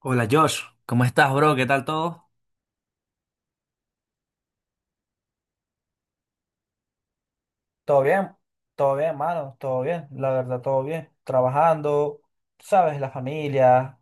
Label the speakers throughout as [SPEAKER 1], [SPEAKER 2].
[SPEAKER 1] Hola Josh, ¿cómo estás, bro? ¿Qué tal todo? Todo bien, todo bien, mano, todo bien, la verdad, todo bien. Trabajando, tú sabes, la familia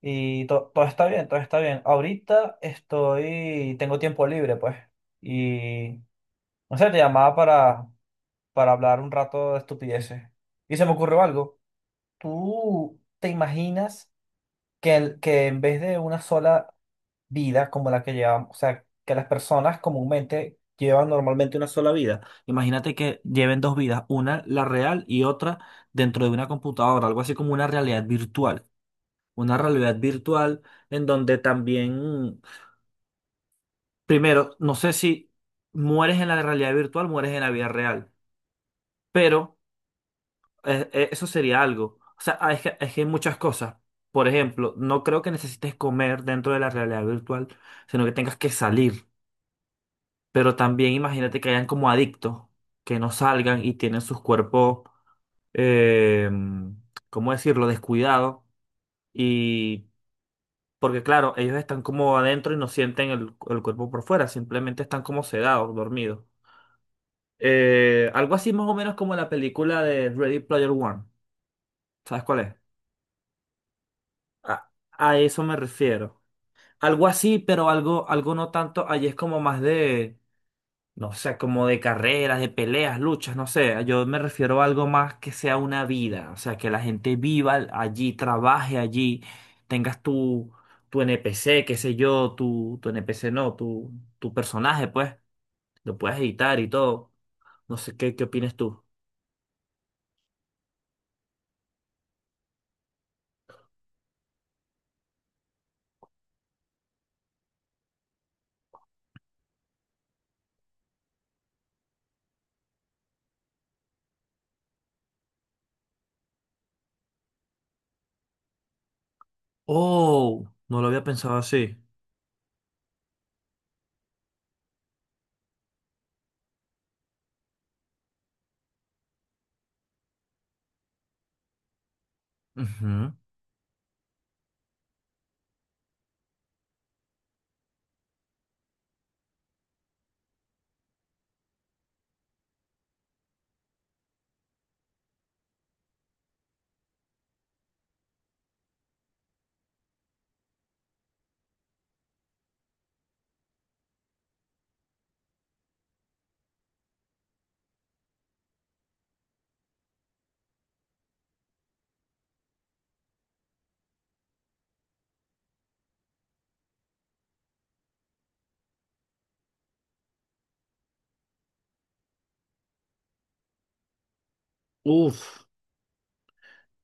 [SPEAKER 1] y todo está bien, todo está bien. Ahorita estoy, tengo tiempo libre, pues, y no sé, te llamaba para hablar un rato de estupideces. Y se me ocurrió algo. ¿Tú te imaginas? Que, que en vez de una sola vida como la que llevamos, o sea, que las personas comúnmente llevan normalmente una sola vida. Imagínate que lleven dos vidas, una la real y otra dentro de una computadora, algo así como una realidad virtual. Una realidad virtual en donde también, primero, no sé si mueres en la realidad virtual, mueres en la vida real, pero eso sería algo. O sea, ah, es que hay muchas cosas. Por ejemplo, no creo que necesites comer dentro de la realidad virtual, sino que tengas que salir. Pero también imagínate que hayan como adictos, que no salgan y tienen sus cuerpos, eh, ¿cómo decirlo?, descuidados. Y porque claro, ellos están como adentro y no sienten el cuerpo por fuera, simplemente están como sedados, dormidos. Algo así más o menos como la película de Ready Player One. ¿Sabes cuál es? A eso me refiero. Algo así, pero algo, algo no tanto. Allí es como más de, no sé, como de carreras, de peleas, luchas, no sé. Yo me refiero a algo más que sea una vida. O sea, que la gente viva allí, trabaje allí, tengas tu, tu NPC, qué sé yo, tu NPC no, tu personaje, pues. Lo puedes editar y todo. No sé, ¿qué opinas tú? Oh, no lo había pensado así. Ujú. Uf.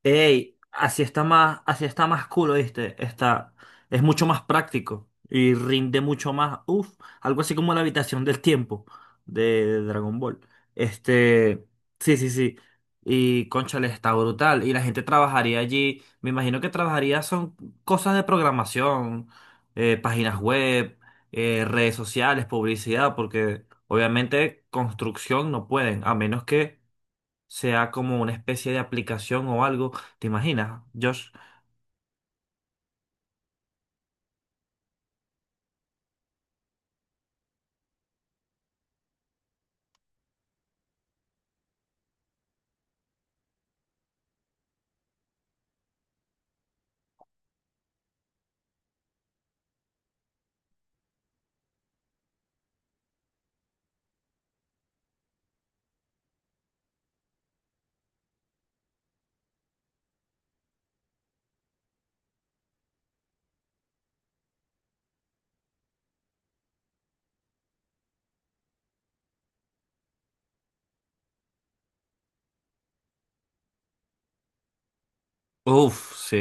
[SPEAKER 1] Ey, así está más cool, ¿viste? Está, es mucho más práctico y rinde mucho más. Uf, algo así como la habitación del tiempo de Dragon Ball. Este, sí, sí, sí. Y cónchale, está brutal. Y la gente trabajaría allí. Me imagino que trabajaría son cosas de programación, páginas web, redes sociales, publicidad, porque obviamente construcción no pueden, a menos que sea como una especie de aplicación o algo. ¿Te imaginas, Josh? Uf, sí.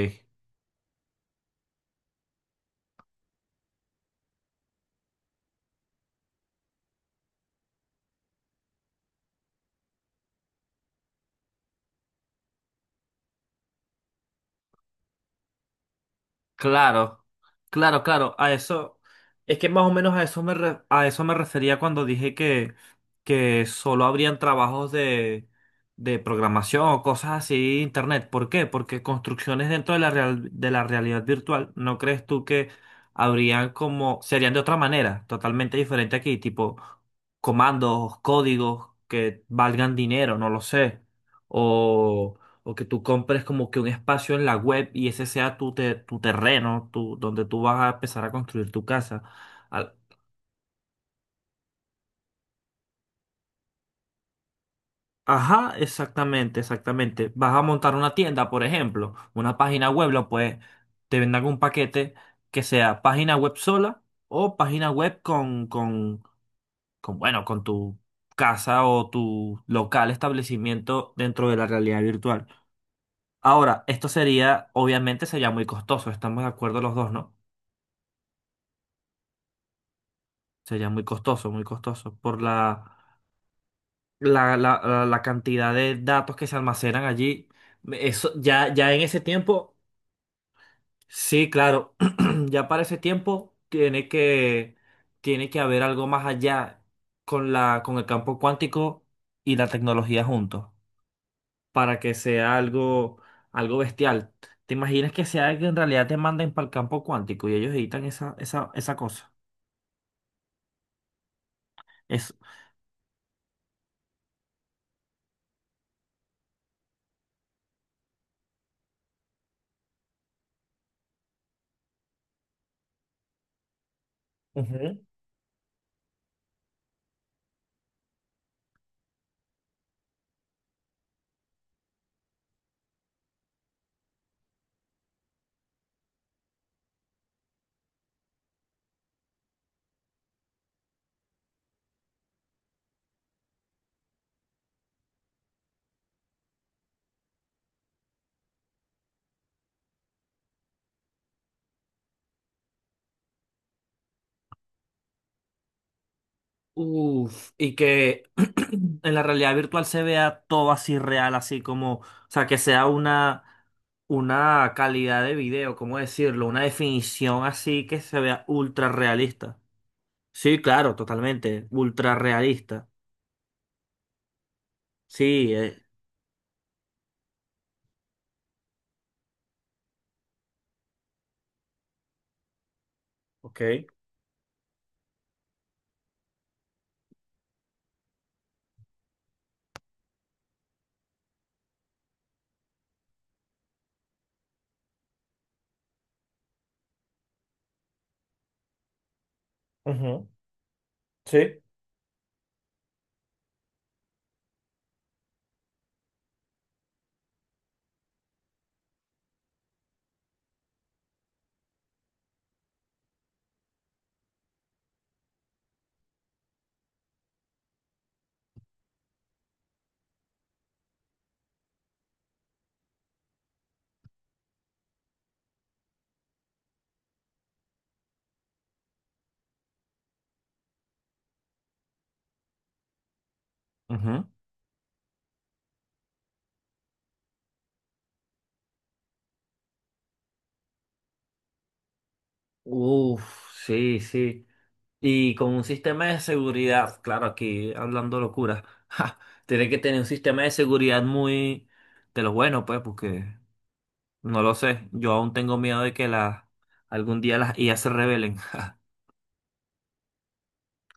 [SPEAKER 1] Claro, claro, claro. Es que más o menos a eso a eso me refería cuando dije que solo habrían trabajos de programación o cosas así de internet. ¿Por qué? Porque construcciones dentro de de la realidad virtual, ¿no crees tú que habrían como, serían de otra manera, totalmente diferente aquí, tipo comandos, códigos que valgan dinero, no lo sé o que tú compres como que un espacio en la web y ese sea tu terreno, tu, donde tú vas a empezar a construir tu casa. Al- Ajá, exactamente, exactamente. Vas a montar una tienda, por ejemplo, una página web, lo puedes, te vendan un paquete que sea página web sola o página web con bueno, con tu casa o tu local establecimiento dentro de la realidad virtual. Ahora, esto sería, obviamente sería muy costoso, estamos de acuerdo los dos, ¿no? Sería muy costoso, muy costoso. Por la cantidad de datos que se almacenan allí. Eso, ya en ese tiempo, sí, claro. Ya para ese tiempo tiene que haber algo más allá con con el campo cuántico y la tecnología juntos. Para que sea algo, algo bestial. ¿Te imaginas que sea que en realidad te manden para el campo cuántico y ellos editan esa cosa? Es, ujú. Uf, y que en la realidad virtual se vea todo así real, así como, o sea, que sea una calidad de video, ¿cómo decirlo? Una definición así que se vea ultra realista. Sí, claro, totalmente, ultra realista. Sí, ok. Ujú, sí. Ujú. Uf, sí, sí. Y con un sistema de seguridad, claro, aquí hablando locura, ja, tiene que tener un sistema de seguridad muy de los buenos, pues, porque no lo sé. Yo aún tengo miedo de que las algún día las IA se rebelen. ja.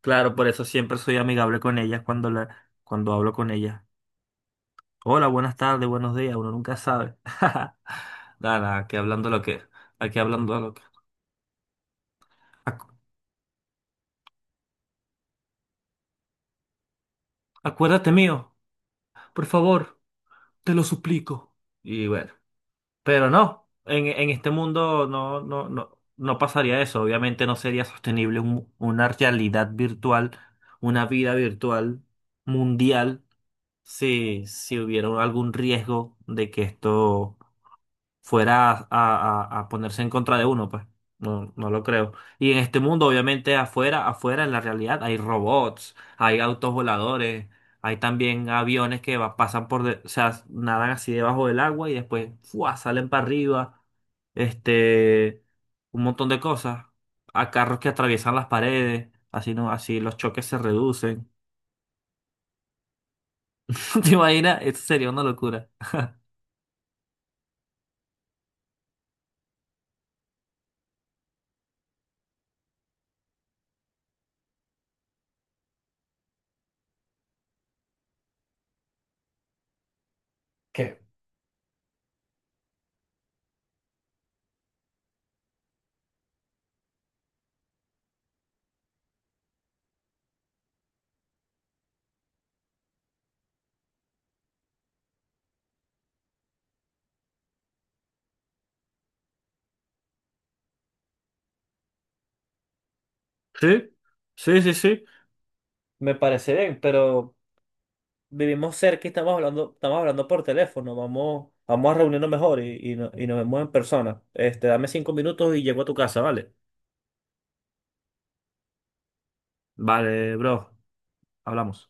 [SPEAKER 1] Claro, por eso siempre soy amigable con ellas cuando cuando hablo con ellas. Hola, buenas tardes, buenos días, uno nunca sabe. Nada, nada, aquí hablando lo que. Acu- Acuérdate mío, por favor, te lo suplico. Y bueno. Pero no, en este mundo no, no pasaría eso. Obviamente no sería sostenible una realidad virtual, una vida virtual mundial, si hubiera algún riesgo de que esto fuera a ponerse en contra de uno, pues. No, no lo creo. Y en este mundo, obviamente, afuera, en la realidad, hay robots, hay autos voladores, hay también aviones pasan o sea, nadan así debajo del agua y después, ¡fua! Salen para arriba, este, un montón de cosas. A carros que atraviesan las paredes, así no, así los choques se reducen. ¿Te imaginas? Eso sería una locura. ¿Qué? Sí, sí, sí, sí. Me parece bien, pero vivimos cerca y estamos hablando por teléfono, vamos, vamos a reunirnos mejor y y nos vemos en persona. Este, dame 5 minutos y llego a tu casa, ¿vale? Vale, bro, hablamos.